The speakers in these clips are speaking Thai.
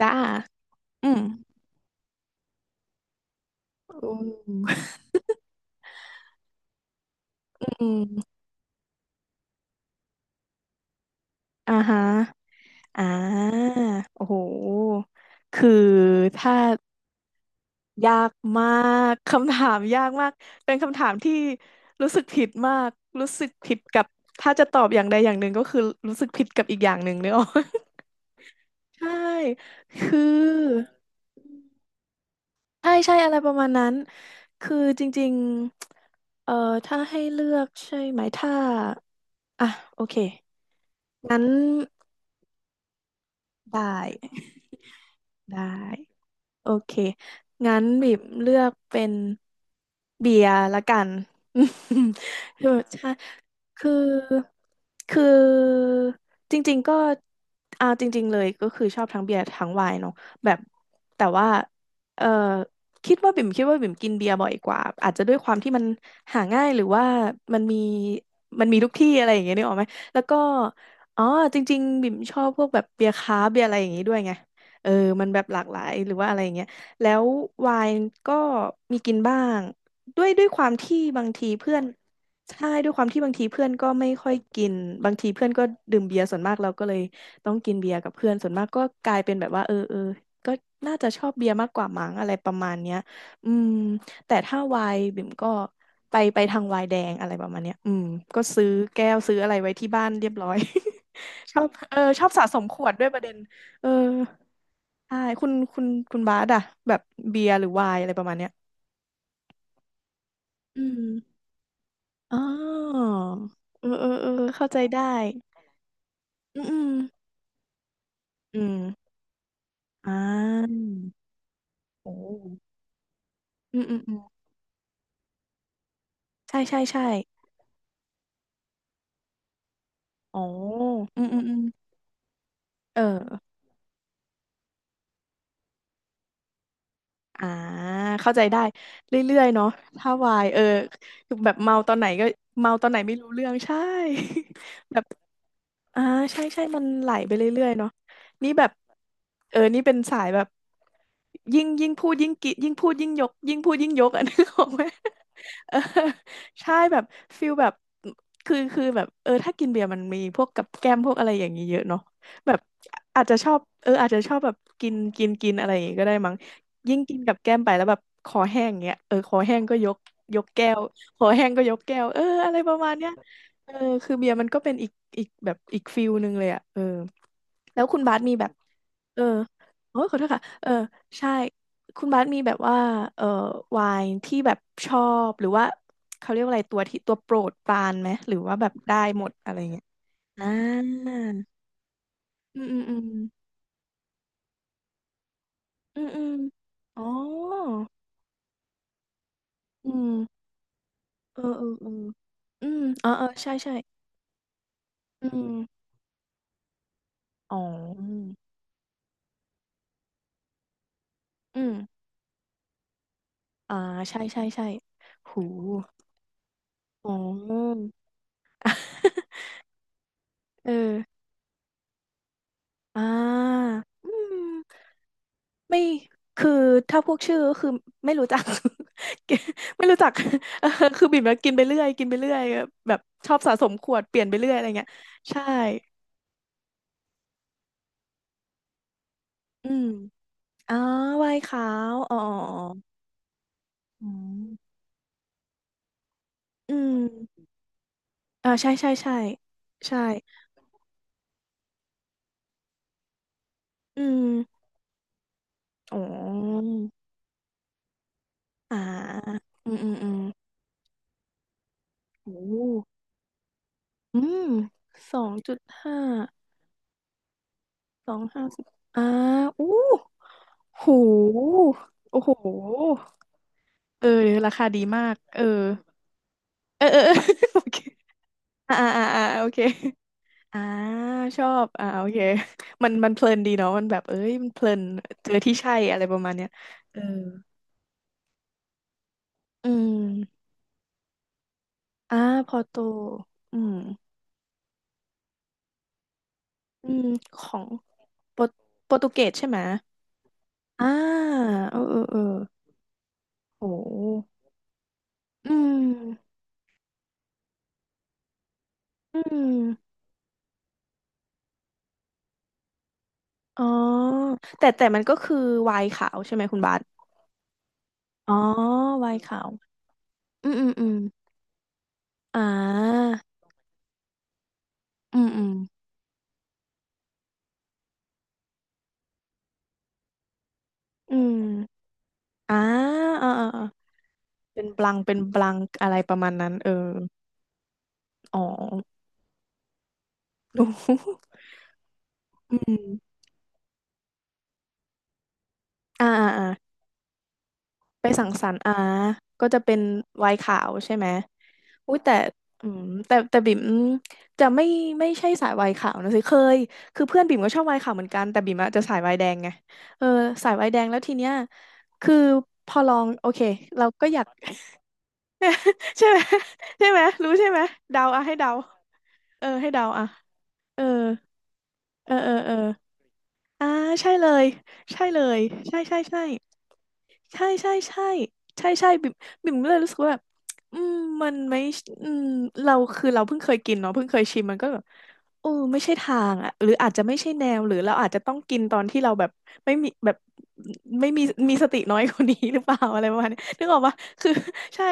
จ้าอืมอ้อืมอ่าฮะอ่าโอ้โหคือถ้ายากมาก คำถามยากมากเป็นคำถามที่รู้สึกผิดมาก รู้สึกผิดกับถ้าจะตอบอย่างใดอย่างหนึ่งก็คือรู้สึกผิดกับอีกอย่างหนึ่งเนกอะ ใช่คือ ใช่ใช่อะไรประมาณนั้น คือจริงๆถ้าให้เลือกใช่ไหมถ้าอ่ะโอเคงั้นได้ ได้โอเคงั้นบีมเลือกเป็นเบียร์ละกัน คือใช่คือคือจริงๆก็เอาจริงๆเลยก็คือชอบทั้งเบียร์ทั้งไวน์เนาะแบบแต่ว่าเออคิดว่าบิ่มคิดว่าบิ่มกินเบียร์บ่อยกว่าอาจจะด้วยความที่มันหาง่ายหรือว่ามันมีมันมีทุกที่อะไรอย่างเงี้ยนึกออกไหมแล้วก็อ๋อจริงๆบิ่มชอบพวกแบบเบียร์คราฟต์เบียร์อะไรอย่างงี้ด้วยไง เออมันแบบหลากหลายหรือว่าอะไรอย่างเงี้ย แล้วไวน์ก็มีกินบ้างด้วยความที่บางทีเพื่อนใช่ ด้วยความที่บางทีเพื่อนก็ไม่ค่อยกิน บางทีเพื่อนก็ดื่มเบียร์ส่วนมากเราก็เลยต้องกินเบียร์กับเพื่อนส่วนมากก็กลายเป็นแบบว่าเออเออก็น่าจะชอบเบียร์มากกว่ามั้งอะไรประมาณเนี้ยอืมแต่ถ้าไวน์บิ่มก็ไปทางไวน์แดงอะไรประมาณเนี้ยอืมก็ซื้อแก้วซื้ออะไรไว้ที่บ้านเรียบร้อย ชอบเออชอบสะสมขวดด้วยประเด็นเออ ใช่คุณคุณบาสอะแบบเบียร์หรือไวน์อะไรประมาณเนี้ยอืมอ๋อเออเออเออเข้าใจได้อืมอืมอืมอ่าโอ้อืมอืมอืมใช่ใช่ใช่อ๋ออืมอืมอืมเอออ่าเข้าใจได้เรื่อยๆเนาะถ้าวนยเออคือแบบเมาตอนไหนก็เมาตอนไหนไม่รู้เรื่องใช่ แบบ อ่าใช่ใช่มันไหลไปเรื่อยๆเนาะนี่แบบเออนี่เป็นสายแบบยิ่งพูดยิ่งยกยิ่งพูดยิ่งยก อันนึกออกไหมเออใช่แบบฟิลแบบคือแบบเออถ้ากินเบียร์มันมีพวกกับแก้มพวกอะไรอย่างนี้เยอะเนาะแบบอาจจะชอบเอออาจจะชอบแบบกินกินกินอะไรอย่างนี้ก็ได้มั้งยิ่งกินกับแก้มไปแล้วแบบคอแห้งเงี้ยเออคอแห้งก็ยกยกแก้วคอแห้งก็ยกแก้วเอออะไรประมาณเนี้ย เออคือเบียร์มันก็เป็นอีกแบบอีกฟิลหนึ่งเลยอ่ะเออแล้วคุณบาสมีแบบเออโอ้ยขอโทษค่ะเออใช่คุณบาสมีแบบว่าเออไวน์ที่แบบชอบหรือว่าเขาเรียกว่าอะไรตัวที่ตัวโปรดปรานไหมหรือว่าแบบได้หมดอะไรเงี้ยอ่าอืมอืมอืมอืมอืมอ๋ออืมเออเออเอออืมอ๋อเออใช่ใช่อืมอ๋ออืมอืมอ่าใช่ใช่ใช่หู อ๋อ เอออ่าอืมไม่คือถ้าพวกชื่อก็คือไม่รู้จัก ไม่รู้จัก เออคือบิ่มแบบกินไปเรื่อยกินไปเรื่อยแบบชอบสะสมขวดเปลี่ยนไปเรื่อยอะไรเงี้ยใช่อืมอ๋อไวน์ขาวอ๋ออ๋ออ๋ออืมอมใช่ใช่ใช่ ใช่อืมอ๋ออ่าอืมอืมอืมโอ้อืม2.5 2.50อ่าอู้หูโอ้โหเออราคาดีมากเออเออเออ เออโอเคอ่าอ่าอ่าอ่าโอเคอ่าชอบโอเคมันมันเพลินดีเนาะมันแบบเอ้ยมันเพลินเจอที่ใช่อะไรประมาณเนี้ยเอออืมอ่าพอโตอืมอืมของโปรโปรตุเกสใช่ไหมอ่าเออเออเออโหอืมอืม อ๋อแต่แต่มันก็คือไวน์ขาวใช่ไหมคุณบาสอ๋อไวน์ขาวอืมอืมอืมอ่าอืมอืมอืมอ่าอ่าอ่าอ่าเป็นบลังเป็นบลังอะไรประมาณนั้นเอออ๋อรู้ อืมอ่าอ่าอ่า ไปสังสรรค์อ่าก็จะเป็นไวน์ขาวใช่ไหมอุ้ยแต่อืมแต่แต่บิ่มจะไม่ไม่ใช่สายไวน์ขาวนะสิเคยคือเพื่อนบิ่มก็ชอบไวน์ขาวเหมือนกันแต่บิ่มอะจะสายไวน์แดงไงเออสายไวน์แดงแล้วทีเนี้ยคือพอลองโอเคเราก็อยาก ใช่ไหมใช่ไหมรู้ใช่ไหมเดาอ่ะให้เดาเออให้เดาอ่ะเออเออเออเออ อ่าใช่เลยใช่เลยใช่ใช่ใช่ใช่ใช่ใช่ใช่ใช่บิ่มก็เลยรู้สึกว่าแบบอืมมันไม่อืมเราคือเราเพิ่งเคยกินเนาะเพิ่งเคยชิมมันก็แบบโอ้ไม่ใช่ทางอ่ะหรืออาจจะไม่ใช่แนวหรือเราอาจจะต้องกินตอนที่เราแบบไม่มีแบบไม่มีมีสติน้อยกว่านี้หรือเปล่าอะไรประมาณนี้นึกออกปะคือใช่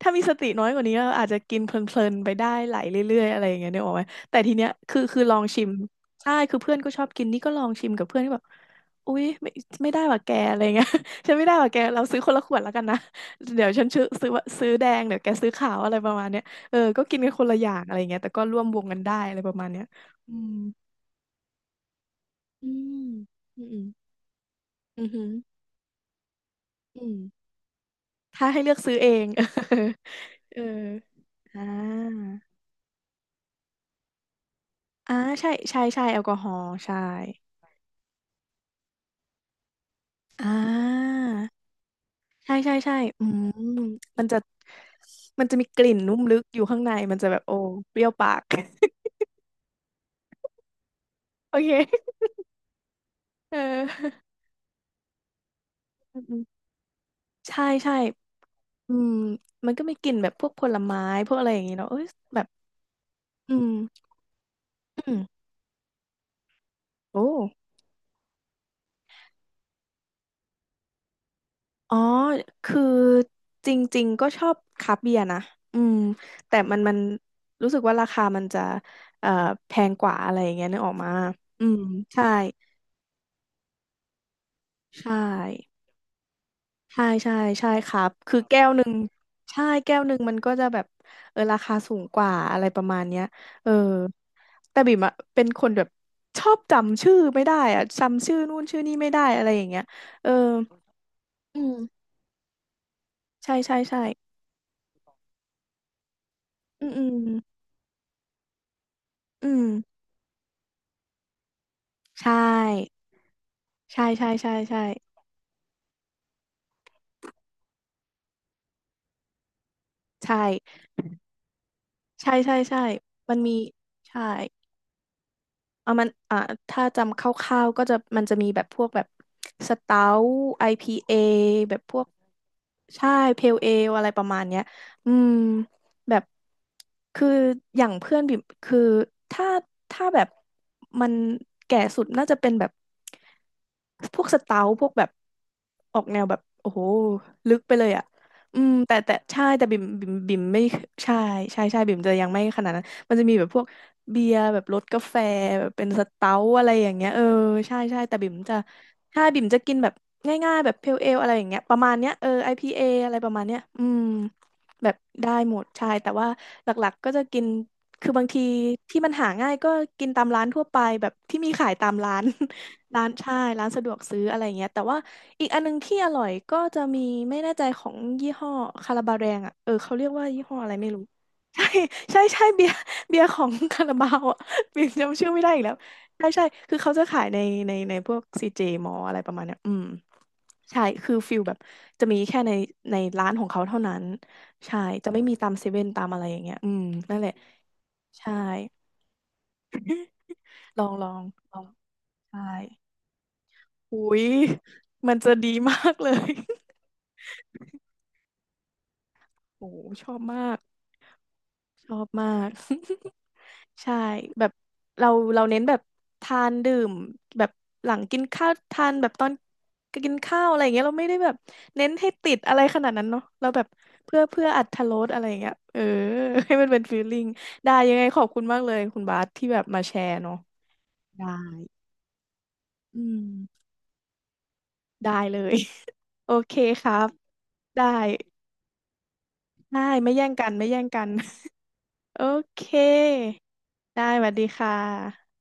ถ้ามีสติน้อยกว่านี้เราอาจจะกินเพลินๆไปได้ไหลเรื่อยๆอะไรอย่างเงี้ยนึกออกไหมแต่ทีเนี้ยคือลองชิม ใช่คือเพื่อนก็ชอบกินนี่ก็ลองชิมกับเพื่อนที่แบบอุ๊ยไม่ไม่ได้ว่ะแกอะไรเงี้ย ฉันไม่ได้ว่ะแกเราซื้อคนละขวดแล้วกันนะเดี๋ยวฉันซื้อว่าซื้อแดงเดี๋ยวแกซื้อขาวอะไรประมาณเนี้ยเออก็กินกันคนละอย่างอะไรเงี้ยแต่ก็ร่วมวงกันได้อะไรประมาณเนี้ยอืมอืมอืมอืมอืออืมถ้าให้เลือกซื้อเอง เอออ่าอ่าใช่ใช่ใช่แอลกอฮอล์ใช่อ่า ใช่ใช่ใช่อืมมันจะมันจะมีกลิ่นนุ่มลึกอยู่ข้างในมันจะแบบโอ้เปรี้ยวปาก โอเคเอออืมอืมใช่ใช่อืมมันก็มีกลิ่นแบบพวกผลไม้พวกอะไรอย่างงี้เนาะเอ้ยแบบอืมอืมโอ้อ๋อคือจริงๆก็ชอบคราฟต์เบียร์นะอืมแต่มันรู้สึกว่าราคามันจะเอ่อแพงกว่าอะไรอย่างเงี้ยนึกออกมาอืมใช่ใช่ ใช่ใช่ใช่ครับ คือแก้วหนึ่งใช่แก้วหนึ่งมันก็จะแบบเออราคาสูงกว่าอะไรประมาณเนี้ยเออแต่บิ่มอะเป็นคนแบบชอบจำชื่อไม่ได้อะจำชื่อนู่นชื่อนี่ไม่ได้อะไรอย่างเงี้ยเอออืมใช่ใช่ใช่อืมอืมอืมใช่ใช่ใช่ใช่ใช่ใช่ใช่ใช่ใช่ใช่มันมีใช่ เอามันอ่าถ้าจำคร่าวๆก็จะมันจะมีแบบพวกแบบสเตาท์ IPA แบบพวกใช่เพลเอลอะไรประมาณเนี้ยอืมแบบคืออย่างเพื่อนบิ่มคือถ้าถ้าแบบมันแก่สุดน่าจะเป็นแบบพวกสเตาท์พวกแบบออกแนวแบบโอ้โหลึกไปเลยอ่ะอืมแต่แต่ใช่แต่บิ่มบิ่มบิ่มไม่ใช่ใช่ใช่บิ่มจะยังไม่ขนาดนั้นมันจะมีแบบพวก เบียร์แบบรสกาแฟแบบเป็นสเต๊าอะไรอย่างเงี้ยเออใช่ใช่แต่บิ่มจะถ้าบิ่มจะกินแบบง่ายๆแบบเพลเอลอะไรอย่างเงี้ยประมาณเนี้ยเออ IPA อพีเออะไรประมาณเนี้ยอืมแบบได้หมดใช่แต่ว่าหลักๆก็จะกินคือบางทีที่มันหาง่ายก็กินตามร้านทั่วไปแบบที่มีขายตามร้าน ร้านใช่ร้านสะดวกซื้ออะไรอย่างเงี้ยแต่ว่าอีกอันนึงที่อร่อยก็จะมีไม่แน่ใจของยี่ห้อคาราบาแรงอ่ะเออเขาเรียกว่ายี่ห้ออะไรไม่รู้ ใช่ใช่ใช่เบียร์ เบียร์ของคาราบาวอ่ะ เบียร์จำชื่อไม่ได้อีกแล้วใช่ใช่คือเขาจะขายในในพวกซีเจมออะไรประมาณเนี้ยอืมใช่คือฟิลแบบจะมีแค่ในในร้านของเขาเท่านั้นใช่จะไม่มีตามเซเว่นตามอะไรอย่างเงี้ยอืมนั่นแหละใช่ลองลองลองใช่อุ้ยมันจะดีมากเลย โอ้ชอบมาก ชอบมาก ใช่แบบเราเราเน้นแบบทานดื่มแบบหลังกินข้าวทานแบบตอนกินข้าวอะไรอย่างเงี้ยเราไม่ได้แบบเน้นให้ติดอะไรขนาดนั้นเนาะเราแบบเพื่ออรรถรสอะไรอย่างเงี้ยเออ ให้มันเป็นฟีลลิ่งได้ยังไงขอบคุณมากเลยคุณบาสที่แบบมาแชร์เนาะได้อืมได้เลย โอเคครับได้ได้ไม่แย่งกันไม่แย่งกัน โอเคได้สวัสดีค่ะ